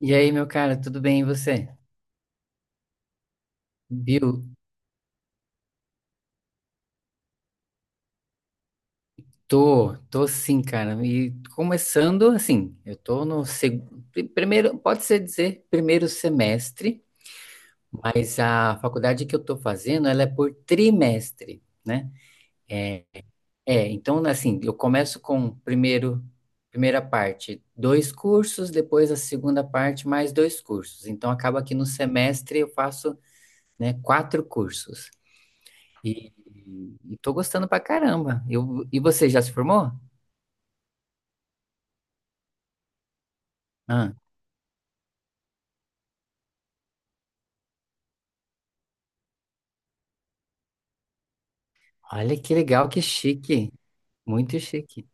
E aí, meu cara, tudo bem e você? Bill, tô sim, cara. E começando assim, eu tô no primeiro, pode ser dizer primeiro semestre, mas a faculdade que eu tô fazendo, ela é por trimestre, né? É, é, então assim, eu começo com primeiro, primeira parte, dois cursos, depois a segunda parte, mais dois cursos. Então acaba que no semestre eu faço, né, quatro cursos. E, e tô gostando pra caramba. E você já se formou? Ah, olha que legal, que chique. Muito chique.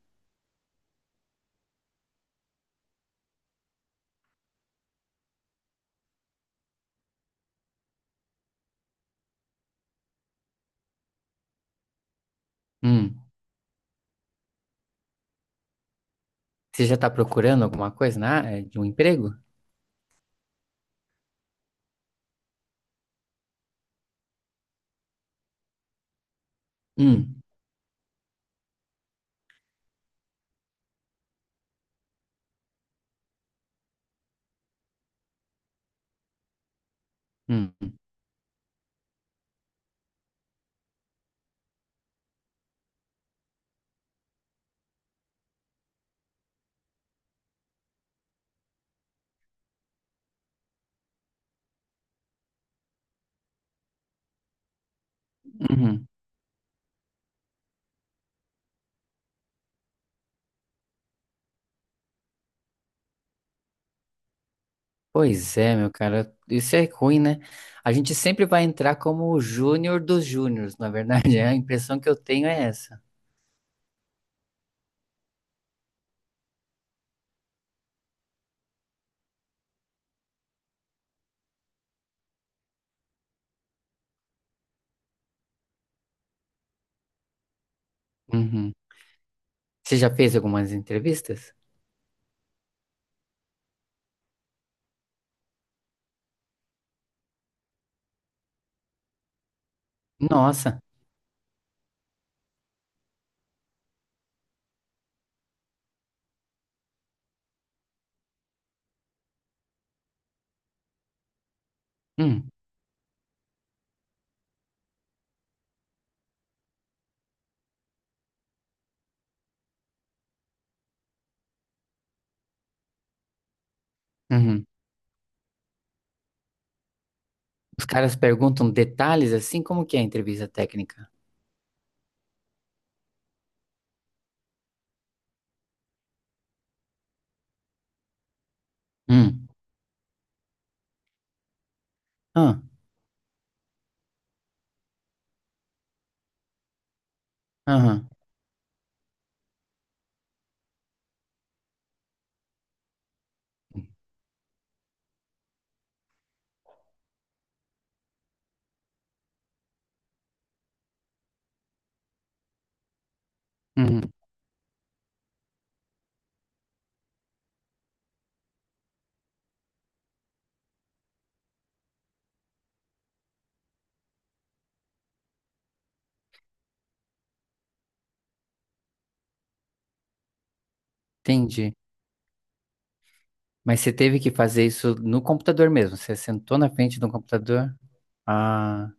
Hum, Você já tá procurando alguma coisa na área de um emprego? Hum, hum, uhum. Pois é, meu cara, isso é ruim, né? A gente sempre vai entrar como o júnior dos júniors, na verdade, é a impressão que eu tenho é essa. Uhum. Você já fez algumas entrevistas? Nossa. Hum, uhum. Os caras perguntam detalhes assim, como que é a entrevista técnica? Hum. Ah, aham. Uhum, entendi. Mas você teve que fazer isso no computador mesmo? Você sentou na frente do computador? Ah,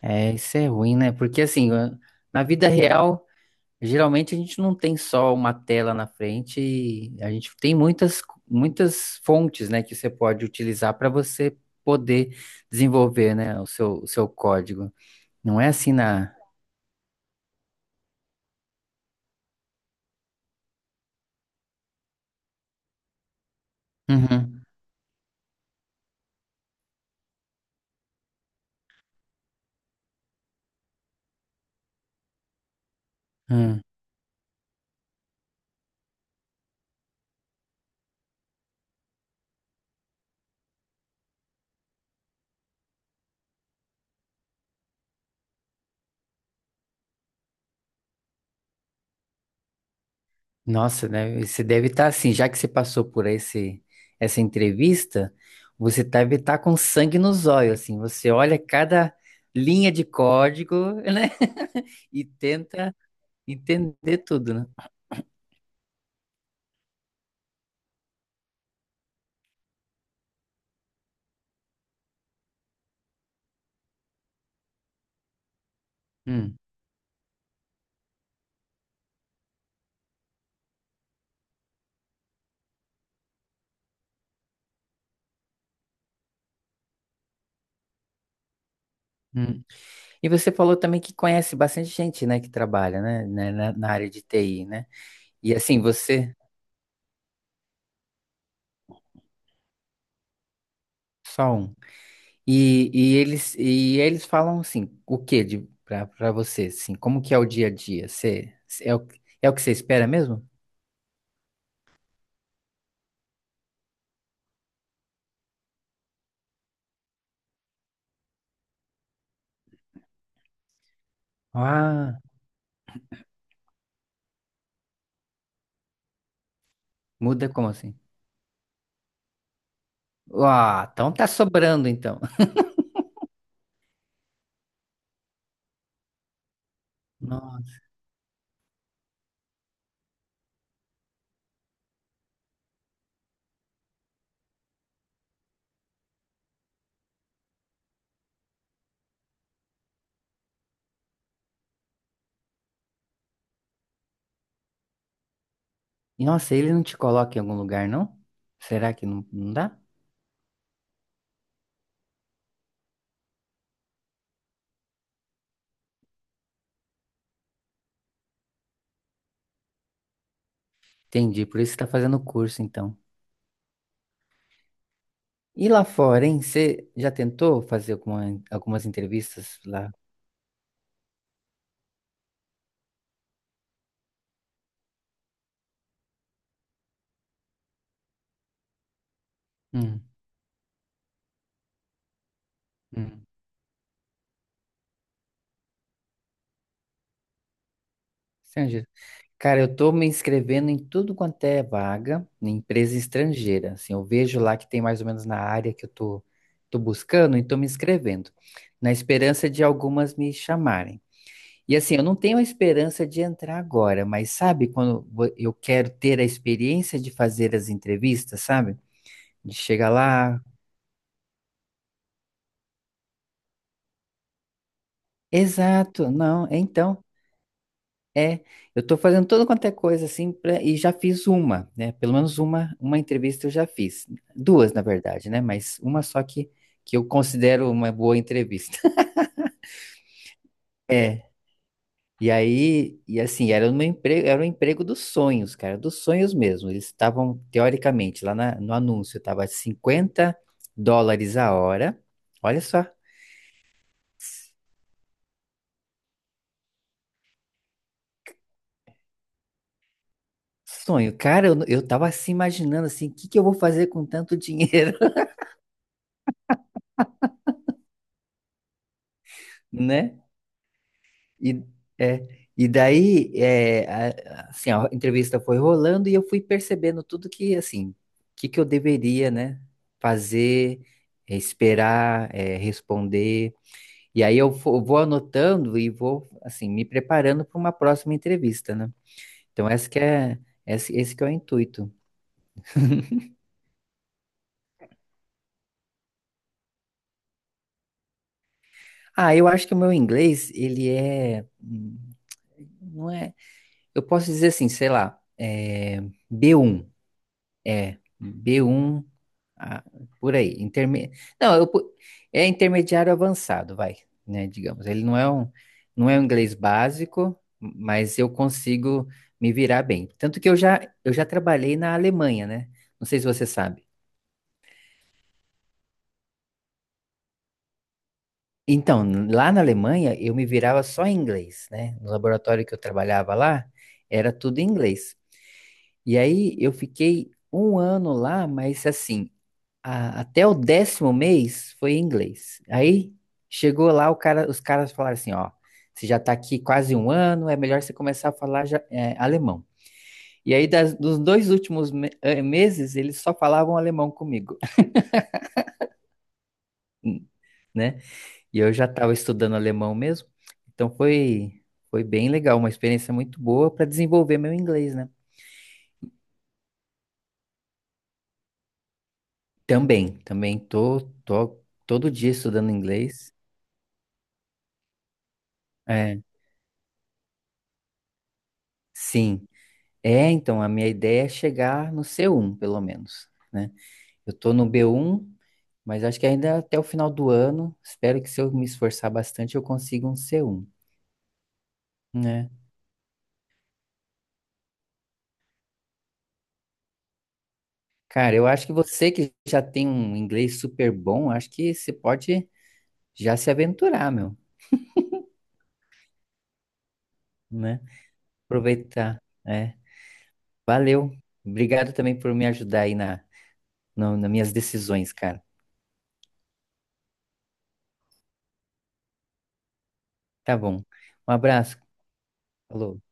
é, isso é ruim, né? Porque assim, na vida real, geralmente a gente não tem só uma tela na frente, e a gente tem muitas, muitas fontes, né, que você pode utilizar para você poder desenvolver, né, o seu código. Não é assim na. Uhum, nossa, né? Você deve estar assim, já que você passou por esse, essa entrevista, você deve estar com sangue nos olhos, assim. Você olha cada linha de código, né? E tenta entender tudo, né? Hum, hum. E você falou também que conhece bastante gente, né, que trabalha, né, na área de TI, né? E assim, você só um. E eles falam assim, o quê de para você, assim, como que é o dia a dia? Você é o, é o que você espera mesmo? Ah, muda como assim? Ah, então tá sobrando então. Nossa. E, nossa, ele não te coloca em algum lugar, não? Será que não dá? Entendi, por isso você tá fazendo o curso então. E lá fora, hein? Você já tentou fazer algumas entrevistas lá? Hum, hum. Estrangeiro. Cara, eu tô me inscrevendo em tudo quanto é vaga, em empresa estrangeira. Assim, eu vejo lá que tem mais ou menos na área que eu tô buscando e tô me inscrevendo, na esperança de algumas me chamarem. E assim, eu não tenho a esperança de entrar agora, mas sabe quando eu quero ter a experiência de fazer as entrevistas, sabe? De chegar lá. Exato, não, é então, é. Eu tô fazendo toda quanto é coisa assim e já fiz uma, né? Pelo menos uma entrevista eu já fiz. Duas, na verdade, né? Mas uma só que eu considero uma boa entrevista. E aí, e assim, era um emprego dos sonhos, cara, dos sonhos mesmo. Eles estavam, teoricamente, lá no anúncio, estava 50 dólares a hora. Olha só, sonho. Cara, eu tava assim imaginando assim, o que que eu vou fazer com tanto dinheiro, né? E, é, e daí, é, assim, a entrevista foi rolando e eu fui percebendo tudo que, assim, o que que eu deveria, né, fazer, é, esperar, é, responder. E aí eu vou anotando e vou, assim, me preparando para uma próxima entrevista, né? Então, esse que é, esse que é o intuito. Ah, eu acho que o meu inglês, ele é, não é, eu posso dizer assim, sei lá, é B1, é, B1. Ah, por aí. Não, é intermediário avançado, vai, né? Digamos. Ele não é um inglês básico, mas eu consigo me virar bem. Tanto que eu já trabalhei na Alemanha, né? Não sei se você sabe. Então, lá na Alemanha, eu me virava só em inglês, né? No laboratório que eu trabalhava lá, era tudo em inglês. E aí eu fiquei um ano lá, mas assim, até o 10º mês foi em inglês. Aí chegou lá, o cara, os caras falaram assim, ó, você já tá aqui quase um ano, é melhor você começar a falar alemão. E aí, dos dois últimos meses, eles só falavam alemão comigo, né? E eu já estava estudando alemão mesmo, então foi bem legal, uma experiência muito boa para desenvolver meu inglês, né? Também tô todo dia estudando inglês. É, sim. É, então, a minha ideia é chegar no C1, pelo menos, né? Eu tô no B1, mas acho que ainda até o final do ano, espero que se eu me esforçar bastante, eu consiga um C1, né? Cara, eu acho que você que já tem um inglês super bom, acho que você pode já se aventurar, meu, né? Aproveitar, é. Valeu. Obrigado também por me ajudar aí nas minhas decisões, cara. Tá bom. Um abraço. Falou.